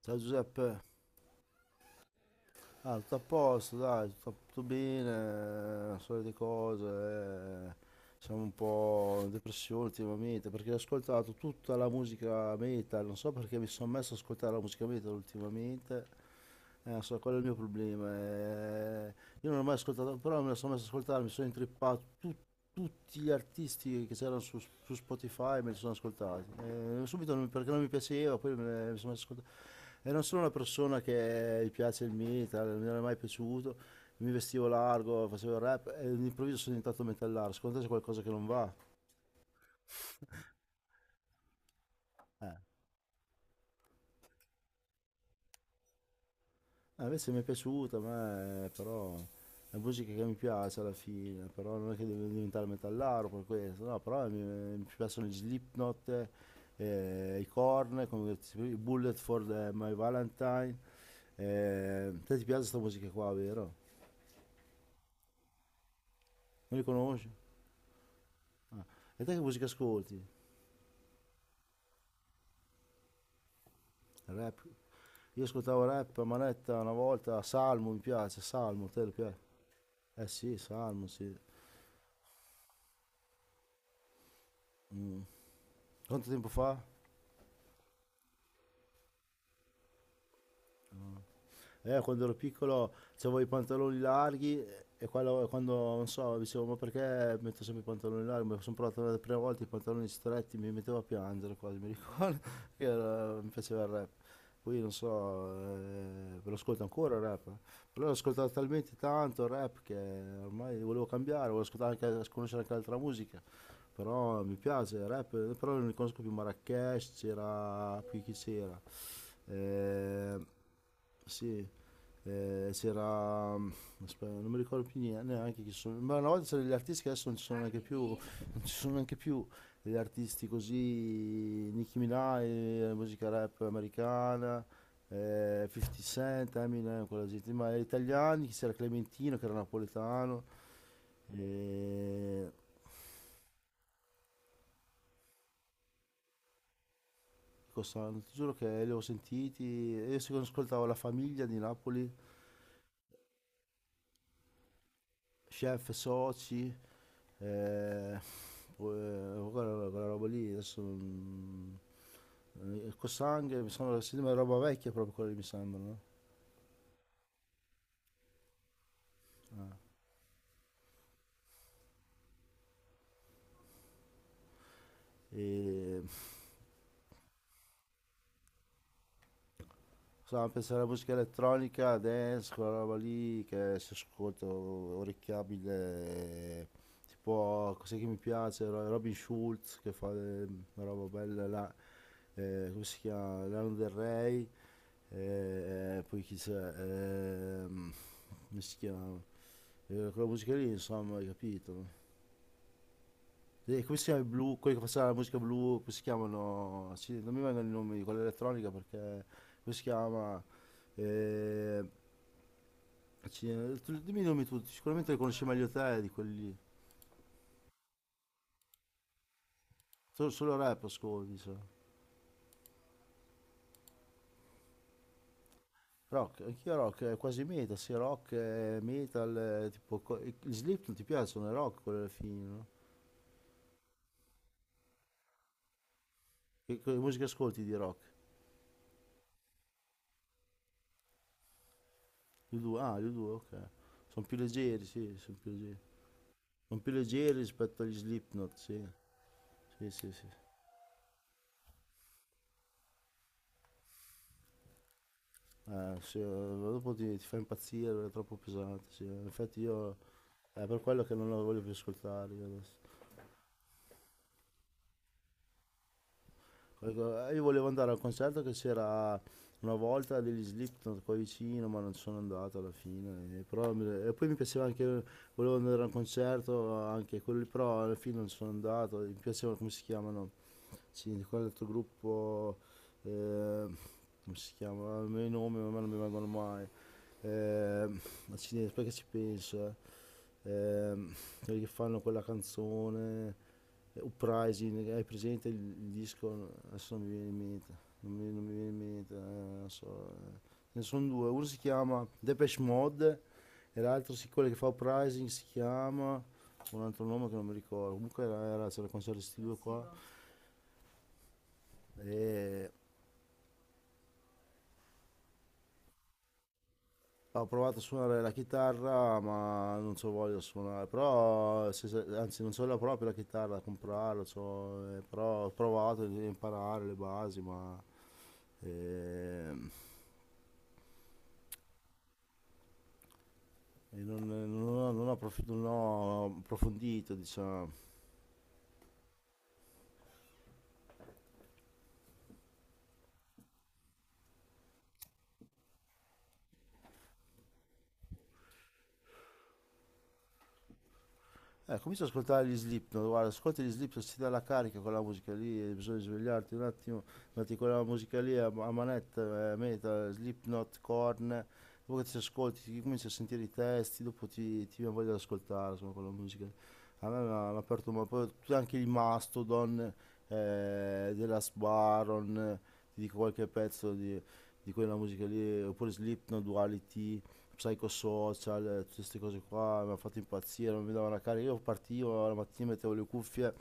Ciao Giuseppe. Tutto a posto, dai, tutto, tutto bene, solite cose, eh. Siamo un po' in depressione ultimamente perché ho ascoltato tutta la musica metal, non so perché mi sono messo ad ascoltare la musica metal ultimamente. Non so, quello è il mio problema. Io non ho mai ascoltato, però me la sono messa ad ascoltare, mi sono intrippato tutti gli artisti che c'erano su Spotify, me li sono ascoltati. Subito non- Perché non mi piaceva, mi sono messo ad ascoltare. E non sono una persona che gli piace il metal, non mi era mai piaciuto. Mi vestivo largo, facevo il rap e all'improvviso sono diventato metallaro. Secondo te c'è qualcosa che non va? Eh. Invece mi è piaciuta, a me, però è musica che mi piace alla fine, però non è che devo diventare metallaro per questo, no, però mi piacciono gli Slipknot, i Korn, i My Valentine. Te ti piace questa musica qua, vero? Non li conosci? Ah. E te che musica ascolti? Rap. Io ascoltavo rap a manetta una volta, Salmo mi piace, Salmo, te lo piace? Eh sì, Salmo, sì. Mm. Quanto tempo fa? Quando ero piccolo avevo i pantaloni larghi e quando, non so, dicevo ma perché metto sempre i pantaloni larghi? Mi sono provato la prima volta i pantaloni stretti, mi mettevo a piangere quasi, mi ricordo, mi piaceva il rap. Poi non so, ve lo ascolto ancora il rap, eh. Però l'ho ascoltato talmente tanto il rap che ormai volevo cambiare, volevo ascoltare anche, conoscere anche altra musica. Però mi piace il rap, però non conosco più Marrakesh, c'era, qui chi c'era? Eh, sì, c'era... aspetta, non mi ricordo più neanche chi sono. Ma una volta c'erano gli artisti che adesso non ci sono neanche più. Non ci sono neanche più gli artisti così. Nicki Minaj, musica rap americana, 50 Cent, Eminem, quella gente. Ma gli italiani, che c'era Clementino che era napoletano. E... Costano, ti giuro che li ho sentiti. Io se ascoltavo la famiglia di Napoli, chef, soci. Eh, Quella, quella roba lì adesso Cosang mi sembra si chiama, roba vecchia proprio quella lì mi sembra, no? Ah. E stavamo pensando alla musica elettronica dance, quella roba lì che si ascolta orecchiabile, eh, tipo cos'è che mi piace Robin Schulz che fa, una roba bella là, come si chiama, Lana Del Rey, poi chi c'è. Ehm, Come si chiama. Quella musica lì, insomma, hai capito? E come si chiama, il blu, quelli che faceva la musica blu, come si chiamano? Sì, non mi vengono i nomi di quella elettronica perché come si chiama? Eh, Dimmi i nomi tutti, sicuramente li conosci meglio te di quelli. Solo, solo rap ascolti, so. Rock, anch'io rock, è quasi metal, sì, rock, metal, tipo, gli Slip non ti piacciono, è rock quello alla fine, no? Che musica ascolti di rock? Gli U due, ah, gli U due, ok. Sono più leggeri, sì, sono più leggeri. Sono più leggeri rispetto agli Slipknot, sì. Sì, sì, sì. Sì, dopo ti, ti fa impazzire, è troppo pesante, sì. Infatti io è per quello che non lo voglio più ascoltare io adesso. Ecco, io volevo andare al concerto che c'era una volta degli Slipknot qua vicino, ma non sono andato alla fine. Però e poi mi piaceva anche, volevo andare al concerto anche quello lì, però alla fine non sono andato. Mi piaceva, come si chiamano, sì, di quell'altro gruppo, eh, come si chiama? I miei nomi a me non mi vengono mai. Ehm, Perché ci penso, eh? Ehm, Quelli che fanno quella canzone, Uprising, hai presente il disco? Adesso non mi viene in mente, non mi, non mi viene in mente, non so. Ne sono due, uno si chiama Depeche Mode e l'altro, sì, quello che fa Uprising, si chiama un altro nome che non mi ricordo. Comunque era, era, c'era il concerto di questi due qua. E ho provato a suonare la chitarra, ma non c'ho voglia di suonare, però, anzi, non c'ho la proprio la chitarra da comprarla, però ho provato a imparare le basi, ma ehm, e non, non ho, non ho approfondito, diciamo. Comincia ad ascoltare gli Slipknot, guarda, ascolti gli Slipknot, si dà la carica con la musica lì, e bisogna svegliarti un attimo, metti quella musica lì a, a manetta, metal, Slipknot, Korn, dopo che ti ascolti, ti cominci a sentire i testi, dopo ti, ti viene voglia di ascoltare, insomma, quella musica a me mi hanno aperto un po', poi tutti anche i Mastodon, Dela's Baron, ti dico qualche pezzo di quella musica lì, oppure Slipknot, Duality, Psychosocial, tutte queste cose qua, mi hanno fatto impazzire, non mi davano la carica, io partivo la mattina, mettevo le cuffie,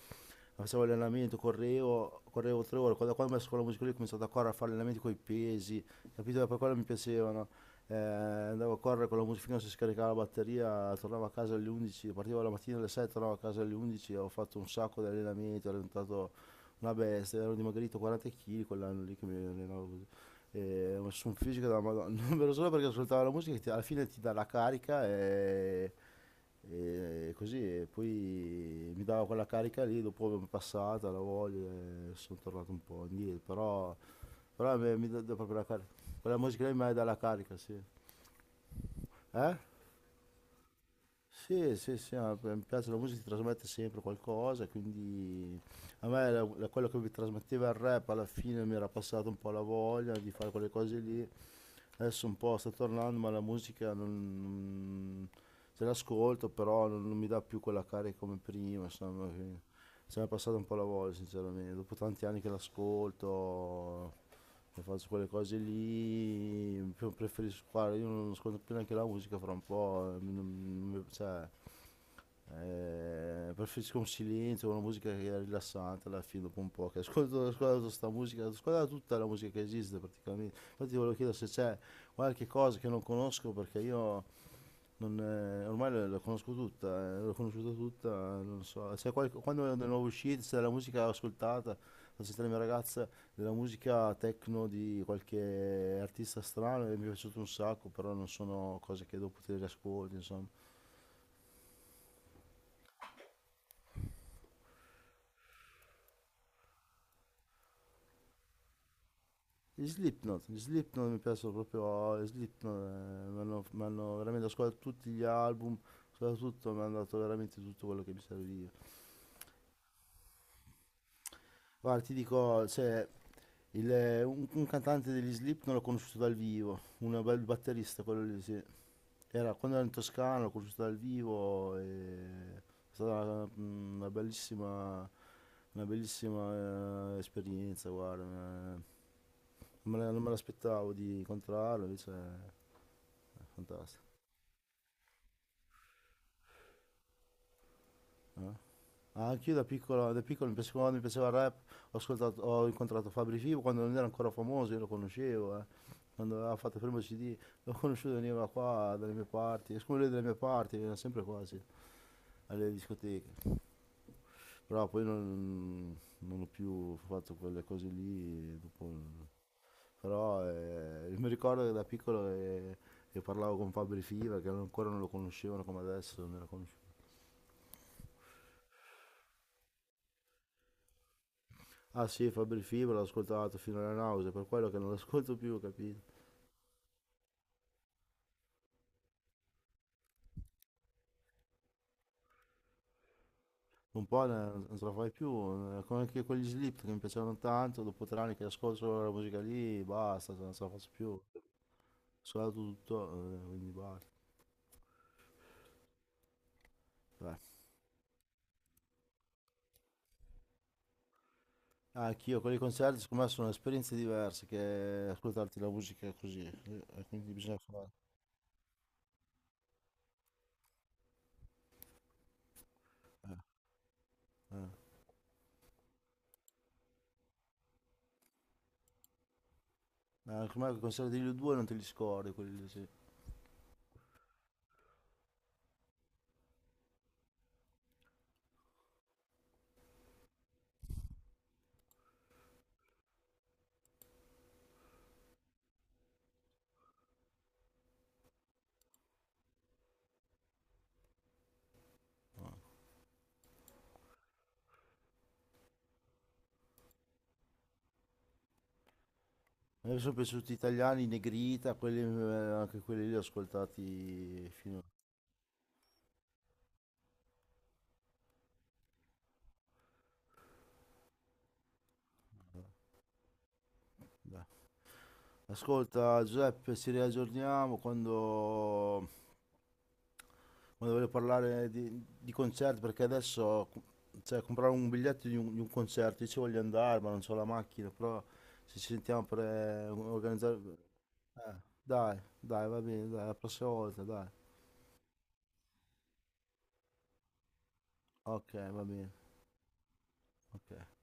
facevo allenamento, correvo, correvo 3 ore, quando, quando ho messo quella musica lì ho cominciato a correre, a fare allenamenti con i pesi, capito? E poi quello mi piacevano. Andavo a correre con la musica finché non si scaricava la batteria, tornavo a casa alle 11, partivo la mattina alle 7, tornavo a casa alle 11, ho fatto un sacco di allenamenti, ero diventato una bestia, ero dimagrito 40 kg quell'anno lì che mi allenavo così. E ho messo un fisico della Madonna, non vero solo perché ascoltavo la musica alla fine ti dà la carica e così, e poi mi dava quella carica lì, dopo mi è passata la voglia e sono tornato un po' indietro, però, però mi dà dà proprio la carica. Quella musica lì mi dà la carica, sì. Eh? Sì, sì, sì, ma mi piace la musica, ti trasmette sempre qualcosa, quindi a me quello che mi trasmetteva il rap alla fine mi era passato un po' la voglia di fare quelle cose lì, adesso un po' sta tornando, ma la musica non, se l'ascolto, però non, non mi dà più quella carica come prima, insomma, se ne è passata un po' la voglia, sinceramente, dopo tanti anni che l'ascolto, che faccio quelle cose lì, preferisco, guarda, io non ascolto più neanche la musica fra un po', cioè, preferisco un silenzio, una musica che è rilassante alla fine dopo un po', che ascolto, ascolto sta musica, ascolto tutta la musica che esiste praticamente. Infatti ti volevo chiedere se c'è qualche cosa che non conosco perché io non, ormai la la conosco tutta, l'ho conosciuta tutta, non so, quando è nuovo uscita, c'è della musica l'ho ascoltata, ho sentito la mia ragazza, della musica techno di qualche artista strano e mi è piaciuto un sacco, però non sono cose che dopo ti riascolti, insomma. Gli Slipknot mi piacciono proprio, gli Slipknot, mi hanno veramente ascoltato tutti gli album, ascoltato tutto, mi hanno dato veramente tutto quello che mi serviva. Guarda, ti dico, cioè, un cantante degli Slip non l'ho conosciuto dal vivo, un bel batterista quello lì, sì. Era, quando ero in Toscana l'ho conosciuto dal vivo e è stata una bellissima esperienza, guarda. Non me, non me l'aspettavo di incontrarlo, invece è fantastico. Eh. Anch'io da piccolo mi piaceva, quando mi piaceva il rap, ho incontrato Fabri Fibo quando non era ancora famoso, io lo conoscevo, eh. Quando aveva fatto il primo CD, l'ho conosciuto, veniva qua dalle mie parti, siccome lui è delle mie parti, veniva sempre quasi alle discoteche. Però poi non, non ho più fatto quelle cose lì, però mi ricordo che da piccolo che parlavo con Fabri Fibo, che ancora non lo conoscevano come adesso, non era conosciuto. Ah sì, Fabri Fibo l'ho ascoltato fino alla nausea, per quello che non lo ascolto più, capito? Un po' non, non ce la fai più, come anche quegli Slip che mi piacevano tanto, dopo 3 anni che ascolto solo la musica lì, basta, cioè, non ce la faccio più, ho ascoltato tutto, quindi basta. Beh, anch'io con i concerti secondo me sono esperienze diverse che ascoltarti la musica così, quindi bisogna fare. Eh. Secondo me i concerti degli U2 non te li scordi, quelli lì, sì. A me sono piaciuti gli italiani, i Negrita, quelli, anche quelli lì li ho ascoltati fino a... Ascolta Giuseppe, ci riaggiorniamo quando, quando voglio parlare di concerti, perché adesso cioè, comprare un biglietto di un concerto, io ci voglio andare, ma non ho la macchina, però se ci sentiamo per organizzare... eh, dai, va bene, dai, la prossima volta, dai. Ok, va bene, ok.